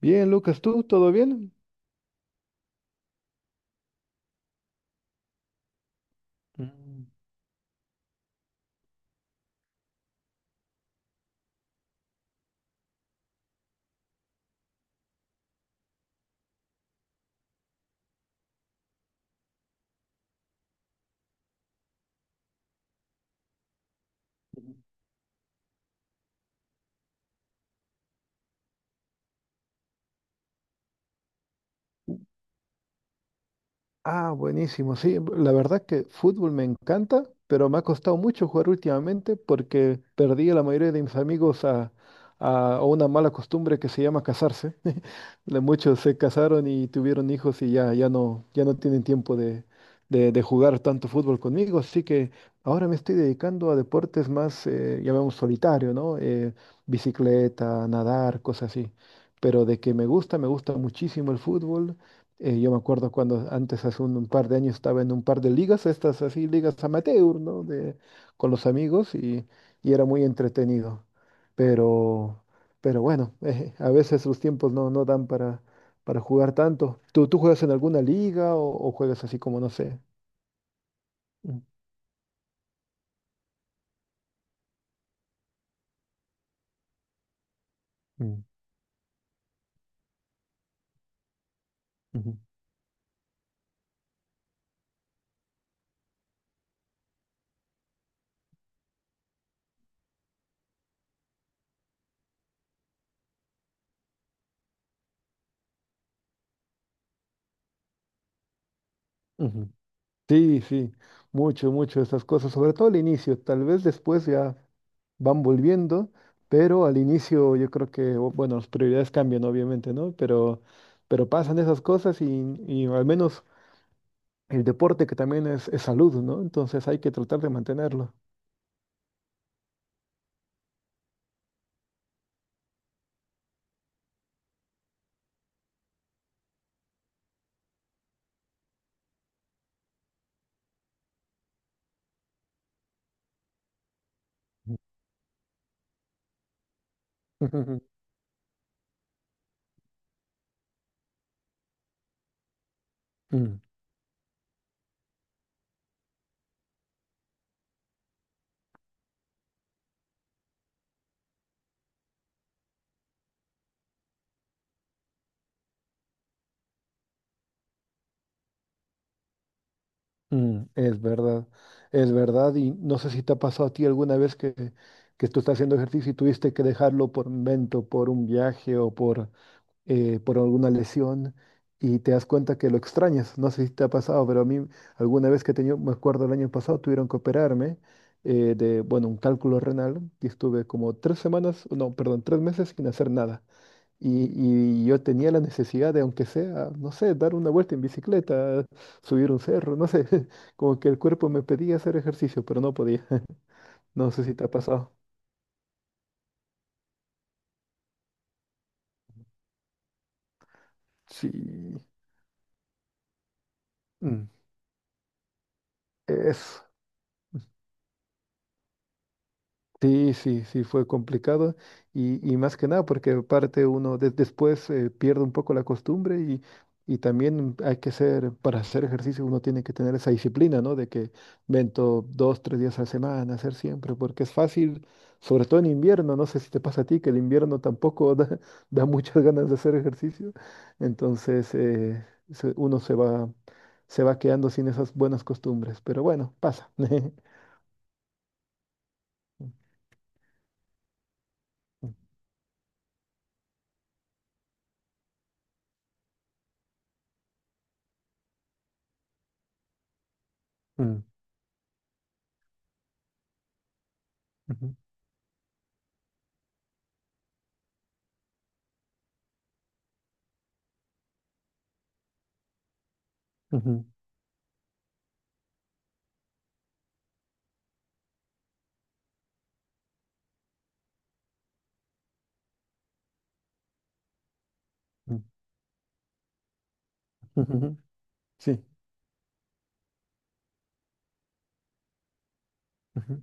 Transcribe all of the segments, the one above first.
Bien, Lucas, ¿tú todo bien? Mm. Ah, buenísimo. Sí, la verdad que fútbol me encanta, pero me ha costado mucho jugar últimamente porque perdí a la mayoría de mis amigos a una mala costumbre que se llama casarse. Muchos se casaron y tuvieron hijos y ya no tienen tiempo de jugar tanto fútbol conmigo, así que ahora me estoy dedicando a deportes más, llamamos solitario, ¿no? Bicicleta, nadar, cosas así. Pero de que me gusta muchísimo el fútbol. Yo me acuerdo cuando antes, hace un par de años, estaba en un par de ligas, estas así, ligas amateur, ¿no? Con los amigos y era muy entretenido. Pero, pero bueno, a veces los tiempos no dan para jugar tanto. ¿Tú juegas en alguna liga o juegas así como, no sé? Mm, mm, ujú, ujú. Sí, sí, mucho, mucho esas cosas, sobre todo al inicio, tal vez después ya van volviendo, pero al inicio yo creo que, bueno, las prioridades cambian obviamente, ¿no? Pero pasan esas cosas y al menos el deporte que también es salud, ¿no? Entonces hay que tratar de mantenerlo. Mm, mm, es verdad, y no sé si te ha pasado a ti alguna vez que tú estás haciendo ejercicio y tuviste que dejarlo por un evento, por un viaje o por alguna lesión y te das cuenta que lo extrañas. No sé si te ha pasado, pero a mí alguna vez que he tenido, me acuerdo el año pasado, tuvieron que operarme de, bueno, un cálculo renal y estuve como 3 semanas, no, perdón, 3 meses sin hacer nada. Y, y yo tenía la necesidad de, aunque sea, no sé, dar una vuelta en bicicleta, subir un cerro, no sé, como que el cuerpo me pedía hacer ejercicio, pero no podía. No sé si te ha pasado. Sí. Mm. Eso. Sí, sí, sí, fue complicado y más que nada porque aparte uno después pierde un poco la costumbre y también hay que ser, para hacer ejercicio uno tiene que tener esa disciplina, ¿no? De que vento 2, 3 días a la semana, hacer siempre, porque es fácil, sobre todo en invierno, no sé si te pasa a ti, que el invierno tampoco da, da muchas ganas de hacer ejercicio, entonces uno se va quedando sin esas buenas costumbres, pero bueno, pasa. Mm, ujú, ujú. Mm, ujú, sí. Ujú,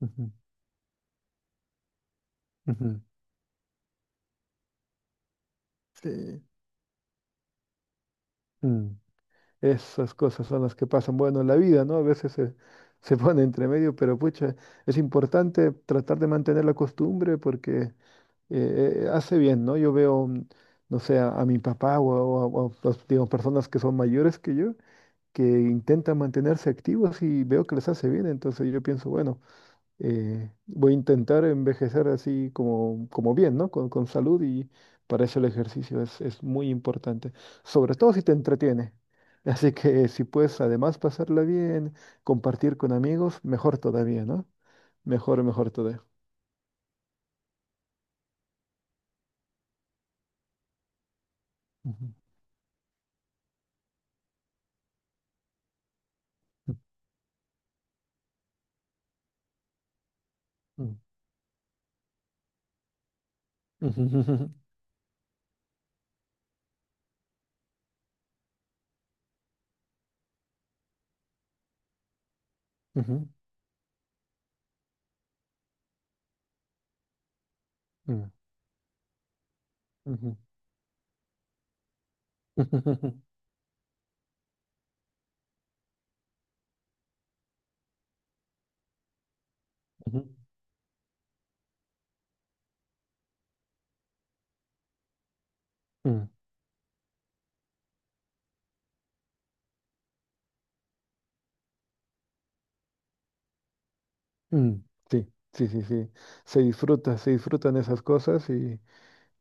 ujú, ujú, sí. Mm. Esas cosas son las que pasan, bueno, en la vida, ¿no? A veces se pone entre medio, pero pucha, es importante tratar de mantener la costumbre porque hace bien, ¿no? Yo veo, no sé, a mi papá o a, digamos, personas que son mayores que yo, que intentan mantenerse activos y veo que les hace bien, entonces yo pienso, bueno, voy a intentar envejecer así como bien, ¿no? Con salud y para eso el ejercicio es muy importante, sobre todo si te entretiene. Así que si puedes además pasarla bien, compartir con amigos, mejor todavía, ¿no? Mejor, mejor todavía. Ujú, ujú, ujú, ujú, ujú, ujú, ujú, ujú, ujú, ujú. Sí, sí, sí, sí. Se disfruta, se disfrutan esas cosas.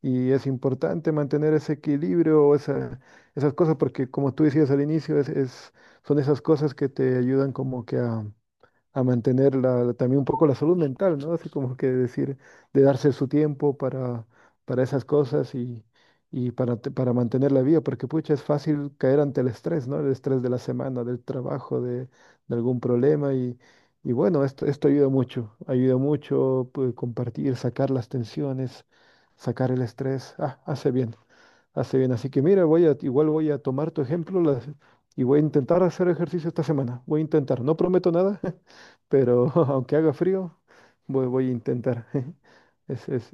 Y es importante mantener ese equilibrio, o esas cosas, porque como tú decías al inicio, son esas cosas que te ayudan como que a mantener también un poco la salud mental, ¿no? Así como que decir, de darse su tiempo para esas cosas y para mantener la vida, porque pucha, es fácil caer ante el estrés, ¿no? El estrés de la semana, del trabajo, de algún problema y bueno, esto ayuda mucho pues, compartir, sacar las tensiones, sacar el estrés, ah, hace bien. Hace bien, así que mira, igual voy a tomar tu ejemplo y voy a intentar hacer ejercicio esta semana. Voy a intentar, no prometo nada, pero aunque haga frío, voy a intentar. Es.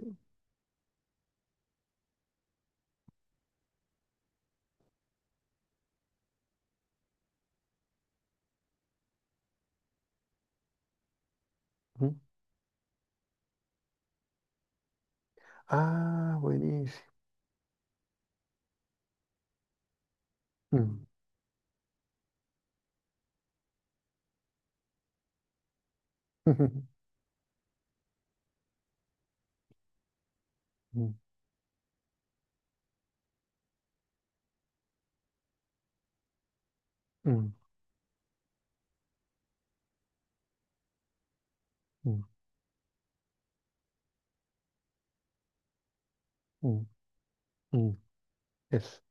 Ujú. Ah, buenísimo. Mm, ujú, mm, mm, mm, mm, mm. Es,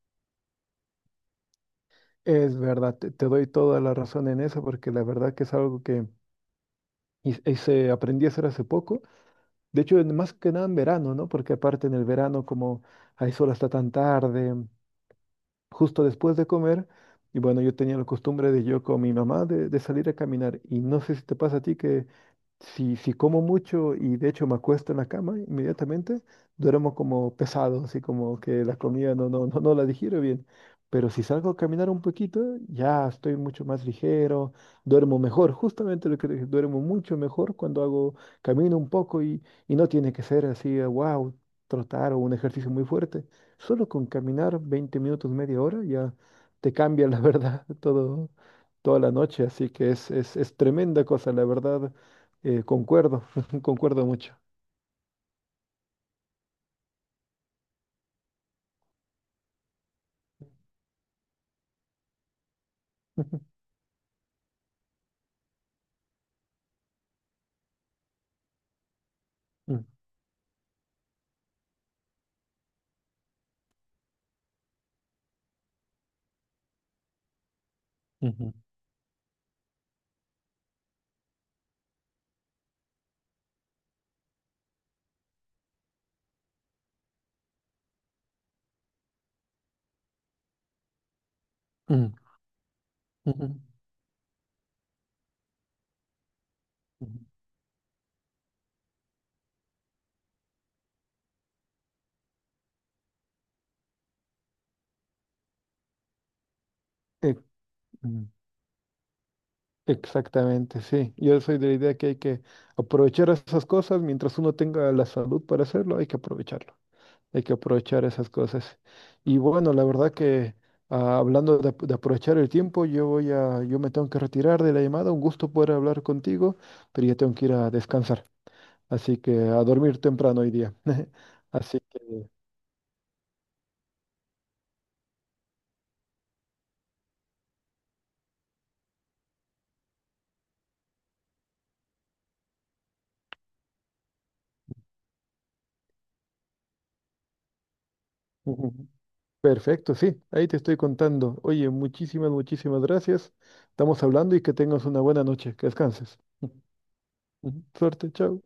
es verdad, te doy toda la razón en eso, porque la verdad que es algo que hice, aprendí a hacer hace poco. De hecho, más que nada en verano, ¿no? Porque aparte en el verano, como hay sol hasta tan tarde, justo después de comer. Y bueno, yo tenía la costumbre de yo con mi mamá de salir a caminar. Y no sé si te pasa a ti que si como mucho y de hecho me acuesto en la cama inmediatamente, duermo como pesado, así como que la comida no la digiero bien. Pero si salgo a caminar un poquito, ya estoy mucho más ligero, duermo mejor, justamente lo que dije, duermo mucho mejor cuando hago, camino un poco y no tiene que ser así, wow, trotar o un ejercicio muy fuerte. Solo con caminar 20 minutos, media hora, ya te cambia la verdad todo, toda la noche. Así que es tremenda cosa, la verdad. Concuerdo, concuerdo mucho. Ujú, mm, ujú, mm, ujú, ujú. E- mm, Exactamente, sí. Yo soy de la idea que hay que aprovechar esas cosas mientras uno tenga la salud para hacerlo, hay que aprovecharlo. Hay que aprovechar esas cosas. Y bueno, la verdad que ah, hablando de aprovechar el tiempo, yo me tengo que retirar de la llamada. Un gusto poder hablar contigo, pero ya tengo que ir a descansar. Así que a dormir temprano hoy día. Así que ujú, perfecto, sí, ahí te estoy contando. Oye, muchísimas, muchísimas gracias. Estamos hablando y que tengas una buena noche. Que descanses. Ujú, suerte, chao.